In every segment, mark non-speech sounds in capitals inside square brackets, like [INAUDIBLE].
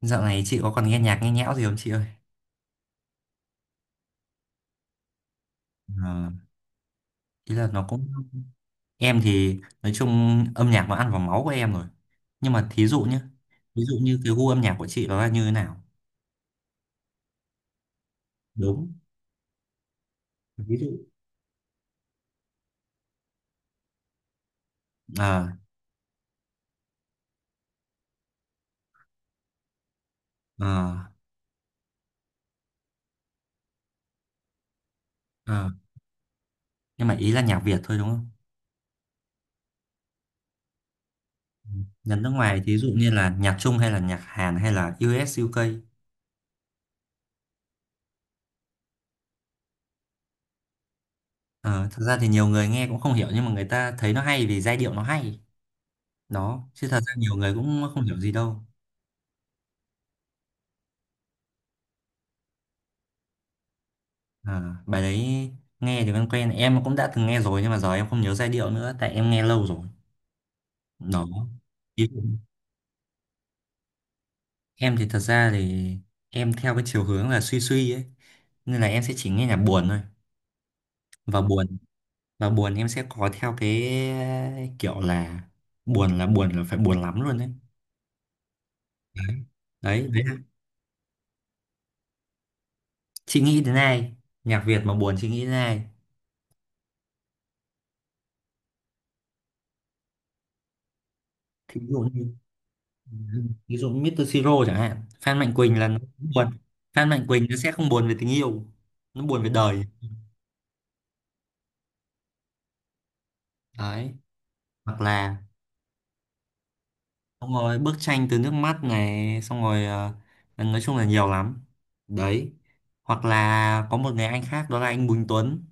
Dạo này chị có còn nghe nhạc nghe nhẽo gì không chị ơi? Ờ. Ý là nó cũng Em thì nói chung âm nhạc nó ăn vào máu của em rồi. Nhưng mà thí dụ nhé, ví dụ như cái gu âm nhạc của chị nó là như thế nào? Đúng. Ví dụ ờ ờ ờ Nhưng mà ý là nhạc Việt thôi đúng không? Nhạc nước ngoài thí dụ như là nhạc Trung hay là nhạc Hàn hay là US UK. Ờ, thật ra thì nhiều người nghe cũng không hiểu nhưng mà người ta thấy nó hay vì giai điệu nó hay. Đó, chứ thật ra nhiều người cũng không hiểu gì đâu. À, bài đấy nghe thì quen quen em cũng đã từng nghe rồi nhưng mà giờ em không nhớ giai điệu nữa tại em nghe lâu rồi. Đó. Ý- em thì thật ra thì em theo cái chiều hướng là suy suy ấy, nên là em sẽ chỉ nghe nhạc buồn thôi. Và buồn, và buồn em sẽ có theo cái kiểu là buồn là buồn là phải buồn lắm luôn đấy. Đấy. Đấy, đấy. Chị nghĩ đến ai? Nhạc Việt mà buồn chị nghĩ đến ai? Thí dụ như, ví dụ Mr. Siro chẳng hạn. Phan Mạnh Quỳnh là nó buồn. Phan Mạnh Quỳnh nó sẽ không buồn về tình yêu, nó buồn về đời. Đấy. Hoặc là xong rồi bức tranh từ nước mắt này, xong rồi nói chung là nhiều lắm. Đấy. Hoặc là có một người anh khác, đó là anh Bùi Anh Tuấn.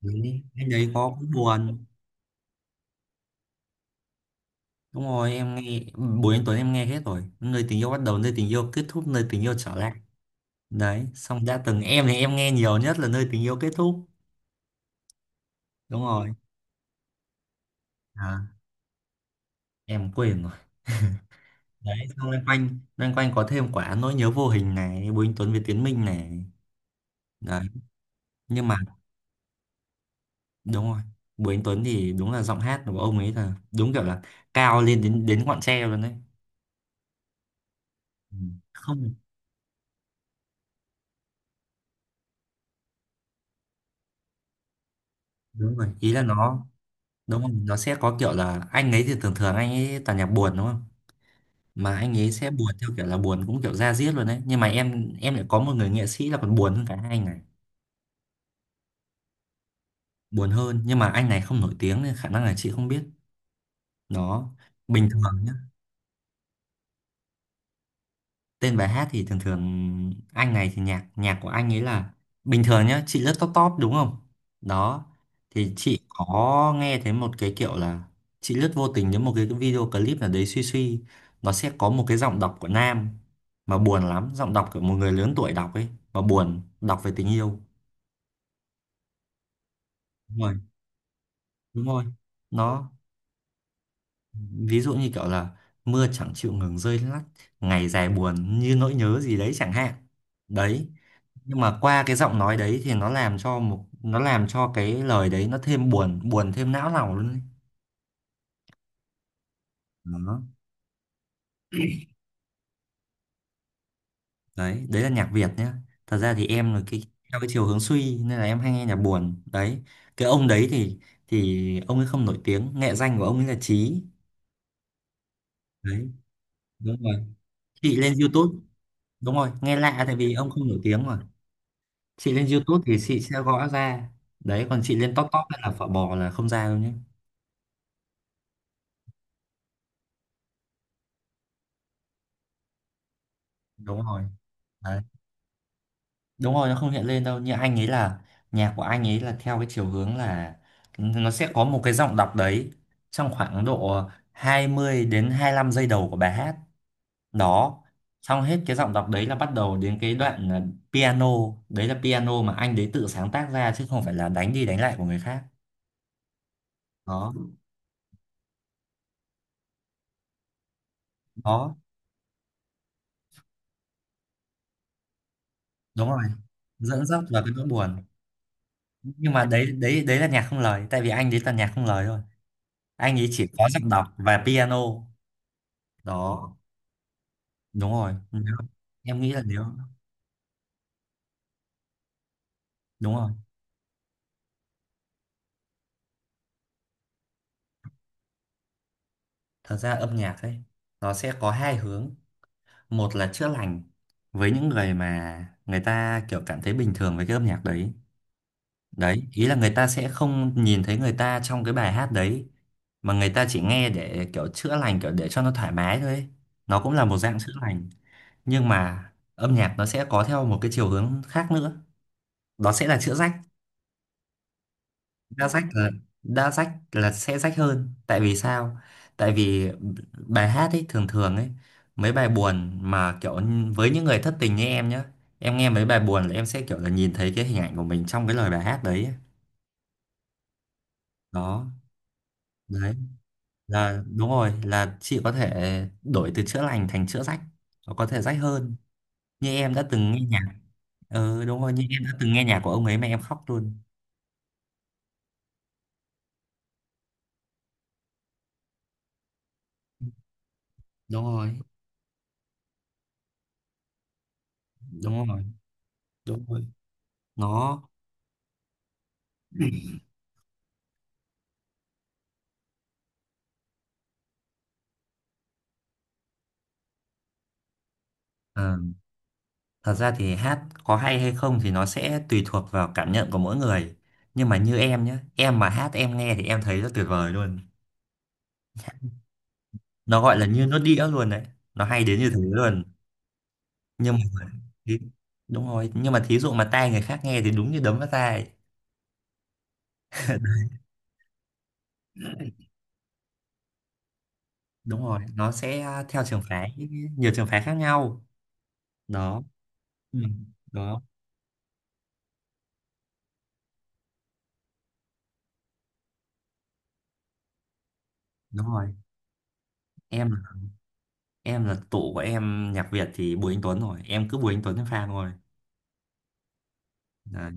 Đấy. Anh đấy có cũng buồn. Đúng rồi em nghe Bùi Anh Tuấn em nghe hết rồi: nơi tình yêu bắt đầu, nơi tình yêu kết thúc, nơi tình yêu trở lại. Đấy xong đã từng. Em thì em nghe nhiều nhất là nơi tình yêu kết thúc. Đúng rồi. À, em quên rồi. Đấy xong loanh quanh, loanh quanh có thêm quả nỗi nhớ vô hình này, Bùi Anh Tuấn với Tiến Minh này. Đấy. Nhưng mà đúng rồi, Bùi Anh Tuấn thì đúng là giọng hát của ông ấy là đúng kiểu là cao lên đến đến ngọn tre luôn đấy. Ừ. Không. Đúng rồi ý là nó. Đúng rồi nó sẽ có kiểu là anh ấy thì thường thường anh ấy toàn nhạc buồn đúng không, mà anh ấy sẽ buồn theo kiểu là buồn cũng kiểu da diết luôn đấy. Nhưng mà em lại có một người nghệ sĩ là còn buồn hơn cả hai anh này. Buồn hơn, nhưng mà anh này không nổi tiếng nên khả năng là chị không biết. Nó bình thường nhá. Tên bài hát thì thường thường anh này thì nhạc nhạc của anh ấy là bình thường nhá. Chị lướt top top đúng không? Đó. Thì chị có nghe thấy một cái kiểu là chị lướt vô tình đến một cái video clip nào đấy suy suy, nó sẽ có một cái giọng đọc của nam mà buồn lắm, giọng đọc của một người lớn tuổi đọc ấy, mà buồn, đọc về tình yêu. Đúng rồi. Đúng rồi nó ví dụ như kiểu là mưa chẳng chịu ngừng rơi lắt, ngày dài buồn như nỗi nhớ gì đấy chẳng hạn. Đấy. Nhưng mà qua cái giọng nói đấy thì nó làm cho cái lời đấy nó thêm buồn, buồn thêm não lòng luôn ấy. Đó. Đấy, đấy là nhạc Việt nhá. Thật ra thì em là cái theo cái chiều hướng suy nên là em hay nghe nhạc buồn đấy. Cái ông đấy thì ông ấy không nổi tiếng. Nghệ danh của ông ấy là Chí. Đấy. Đúng rồi, chị lên YouTube. Đúng rồi, nghe lạ tại vì ông không nổi tiếng mà. Chị lên YouTube thì chị sẽ gõ ra. Đấy, còn chị lên top top hay là phở bò là không ra đâu nhé. Đúng rồi. Đúng rồi, nó không hiện lên đâu. Như anh ấy là nhạc của anh ấy là theo cái chiều hướng là nó sẽ có một cái giọng đọc đấy trong khoảng độ 20 đến hai lăm giây đầu của bài hát. Đó. Xong hết cái giọng đọc đấy là bắt đầu đến cái đoạn là piano. Đấy là piano mà anh đấy tự sáng tác ra chứ không phải là đánh đi đánh lại của người khác. Đó. Đó. Đúng rồi, dẫn dắt vào cái nỗi buồn. Nhưng mà đấy, đấy đấy là nhạc không lời tại vì anh đấy là nhạc không lời thôi. Anh ấy chỉ có giọng đọc và piano. Đó. Đúng rồi nếu, em nghĩ là nếu. Đúng rồi, thật ra âm nhạc ấy nó sẽ có hai hướng. Một là chữa lành với những người mà người ta kiểu cảm thấy bình thường với cái âm nhạc đấy. Đấy, ý là người ta sẽ không nhìn thấy người ta trong cái bài hát đấy, mà người ta chỉ nghe để kiểu chữa lành, kiểu để cho nó thoải mái thôi ấy. Nó cũng là một dạng chữa lành. Nhưng mà âm nhạc nó sẽ có theo một cái chiều hướng khác nữa, đó sẽ là chữa rách. Đa sách là, đa sách là sẽ sách hơn. Tại vì sao? Tại vì bài hát ấy thường thường ấy, mấy bài buồn mà kiểu với những người thất tình như em nhá, em nghe mấy bài buồn là em sẽ kiểu là nhìn thấy cái hình ảnh của mình trong cái lời bài hát đấy ấy. Đó. Đấy là đúng rồi, là chị có thể đổi từ chữa lành thành chữa rách. Nó có thể rách hơn như em đã từng nghe nhạc. Ừ, đúng rồi, như em đã từng nghe nhạc của ông ấy mà em khóc luôn. Đúng rồi, đúng rồi, đúng rồi. Nó. [CLEARS THROAT] ờ Thật ra thì hát có hay hay không thì nó sẽ tùy thuộc vào cảm nhận của mỗi người. Nhưng mà như em nhé, em mà hát em nghe thì em thấy rất tuyệt vời luôn. Nó gọi là như nó đĩa luôn đấy. Nó hay đến như thế luôn. Nhưng mà thí- đúng rồi, nhưng mà thí dụ mà tai người khác nghe thì đúng như đấm vào tai. Đúng rồi, nó sẽ theo trường phái, nhiều trường phái khác nhau. Đó. Ừ. Đó. Đúng rồi. Em em là tụ của em nhạc Việt thì Bùi Anh Tuấn rồi, em cứ Bùi Anh Tuấn em fan rồi. Đấy.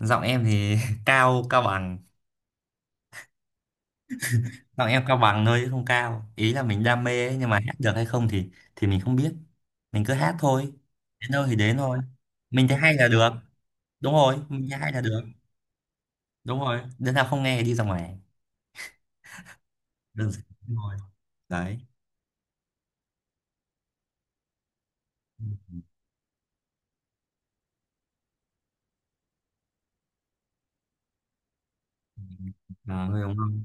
Giọng em thì [LAUGHS] cao cao bằng. Giọng em cao bằng thôi chứ không cao. Ý là mình đam mê ấy, nhưng mà hát được hay không thì mình không biết. Mình cứ hát thôi. Đến đâu thì đến thôi. Mình thấy hay là được. Đúng rồi, mình thấy hay là được. Đúng rồi. Đứa nào không nghe thì đi ra ngoài. Đơn giản thôi. Đấy. À, người đúng không?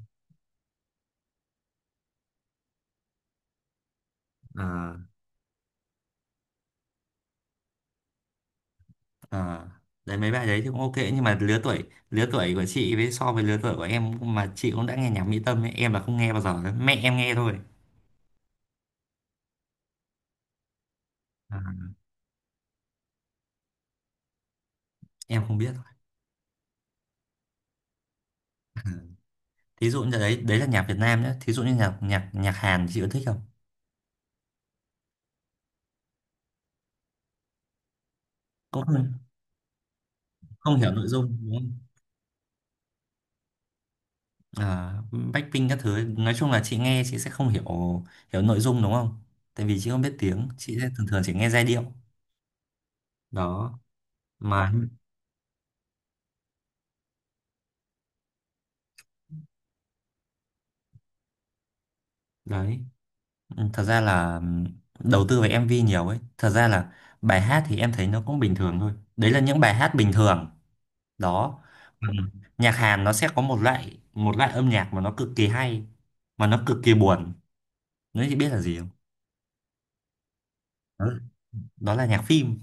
À, à. Đấy mấy bài đấy thì cũng ok, nhưng mà lứa tuổi, lứa tuổi của chị với so với lứa tuổi của em, mà chị cũng đã nghe nhạc Mỹ Tâm ấy, em là không nghe bao giờ, mẹ em nghe thôi. À, em không biết. Thí dụ như đấy, đấy là nhạc Việt Nam nhé. Thí dụ như nhạc nhạc nhạc Hàn thì chị có thích không? Cũng không, không hiểu nội dung đúng không? À, Blackpink các thứ nói chung là chị nghe, chị sẽ không hiểu, hiểu nội dung đúng không? Tại vì chị không biết tiếng, chị sẽ thường thường chỉ nghe giai điệu. Đó mà. Ừ. Đấy. Ừ, thật ra là đầu tư về MV nhiều ấy, thật ra là bài hát thì em thấy nó cũng bình thường thôi, đấy là những bài hát bình thường. Đó. Ừ. Nhạc Hàn nó sẽ có một loại, âm nhạc mà nó cực kỳ hay, mà nó cực kỳ buồn. Nói chị biết là gì? Đó, đó là nhạc phim.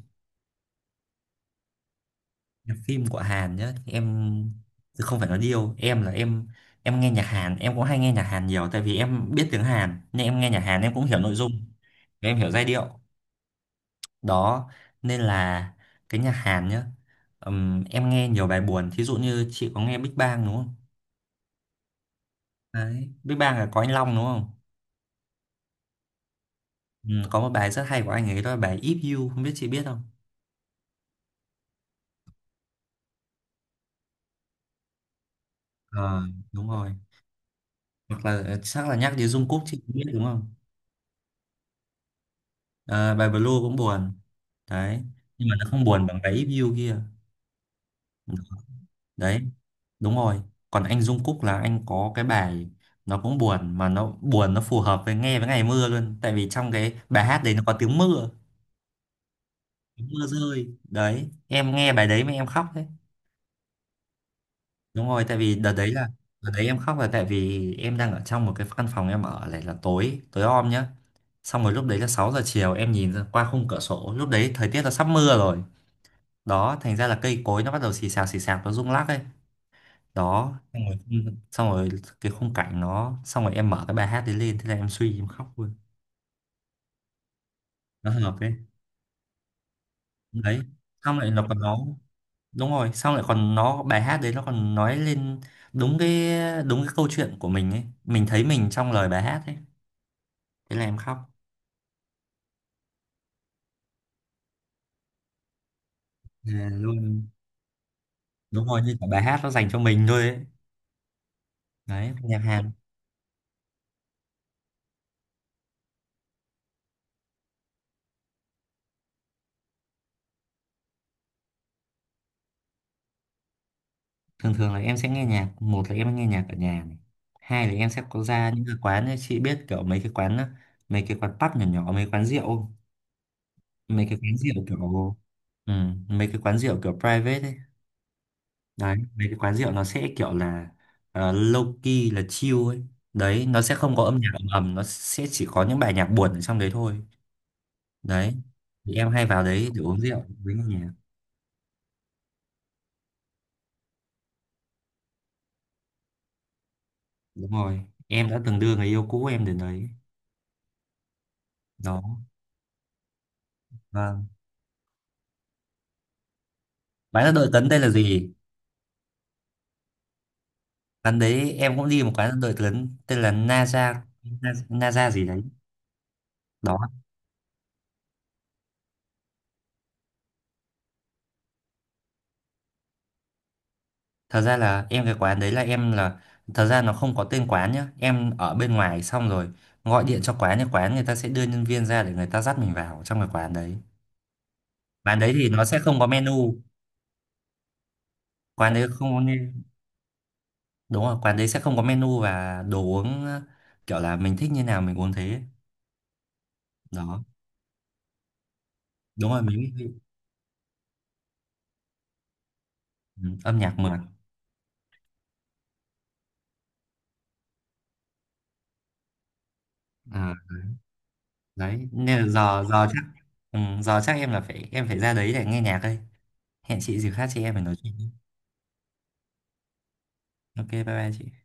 Nhạc phim của Hàn nhá em, chứ không phải nói điêu. Em là em nghe nhạc Hàn em cũng hay nghe nhạc Hàn nhiều tại vì em biết tiếng Hàn nên em nghe nhạc Hàn em cũng hiểu nội dung và em hiểu giai điệu. Đó. Nên là cái nhạc Hàn nhá, em nghe nhiều bài buồn. Thí dụ như chị có nghe Big Bang đúng không? Đấy, Big Bang là có anh Long đúng không? Có một bài rất hay của anh ấy đó là bài If You, không biết chị biết không. Ờ, đúng rồi. Hoặc là chắc là nhắc đến Jungkook chị cũng biết đúng không. Ờ, bài Blue cũng buồn. Đấy, nhưng mà nó không buồn bằng cái If You kia. Đấy. Đúng rồi, còn anh Jung Kook là anh có cái bài nó cũng buồn, mà nó buồn nó phù hợp với nghe với ngày mưa luôn, tại vì trong cái bài hát đấy nó có tiếng mưa, tiếng mưa rơi đấy. Em nghe bài đấy mà em khóc đấy. Đúng rồi, tại vì đợt đấy là, đợt đấy em khóc là tại vì em đang ở trong một cái căn phòng em ở này là tối tối om nhá. Xong rồi lúc đấy là 6 giờ chiều, em nhìn ra qua khung cửa sổ lúc đấy thời tiết là sắp mưa rồi. Đó, thành ra là cây cối nó bắt đầu xì xào nó rung lắc ấy. Đó xong rồi cái khung cảnh nó, xong rồi em mở cái bài hát đấy lên, thế là em suy em khóc luôn. Nó hợp đấy. Đấy. Xong lại nó còn nó, đúng rồi xong lại còn nó, bài hát đấy nó còn nói lên đúng cái, đúng cái câu chuyện của mình ấy, mình thấy mình trong lời bài hát ấy, thế là em khóc. À, luôn. Đúng rồi, như cả bài hát nó dành cho mình thôi ấy. Đấy nhạc Hàn. Thường thường là em sẽ nghe nhạc, một là em nghe nhạc ở nhà này, hai là em sẽ có ra những cái quán ấy. Chị biết kiểu mấy cái quán, mấy cái quán pub nhỏ nhỏ, mấy quán rượu không? Mấy cái quán rượu kiểu, ừ, mấy cái quán rượu kiểu private ấy. Đấy mấy cái quán rượu nó sẽ kiểu là low key là chill ấy. Đấy nó sẽ không có âm nhạc ầm ầm, nó sẽ chỉ có những bài nhạc buồn ở trong đấy thôi. Đấy. Thì em hay vào đấy để uống rượu với người nhà. Đúng rồi, em đã từng đưa người yêu cũ em đến đấy. Đó, vâng. Quán ăn đội tấn đây là gì? Quán đấy em cũng đi, một quán ăn đội tấn tên là Naza, Naza Naza gì đấy. Đó. Thật ra là em, cái quán đấy là em là, thật ra nó không có tên quán nhá. Em ở bên ngoài xong rồi gọi điện cho quán, thì quán người ta sẽ đưa nhân viên ra để người ta dắt mình vào trong cái quán đấy. Quán đấy thì nó sẽ không có menu. Quán đấy không có nên- Đúng rồi, quán đấy sẽ không có menu và đồ uống, kiểu là mình thích như nào mình uống thế. Đó. Đúng rồi mình. Ừ, âm nhạc mượt. À, đấy nên là giờ giờ chắc. Ừ, giờ chắc em là phải em phải ra đấy để nghe nhạc đây. Hẹn chị dịp khác chị em phải nói chuyện nhé. Ok, bye bye chị.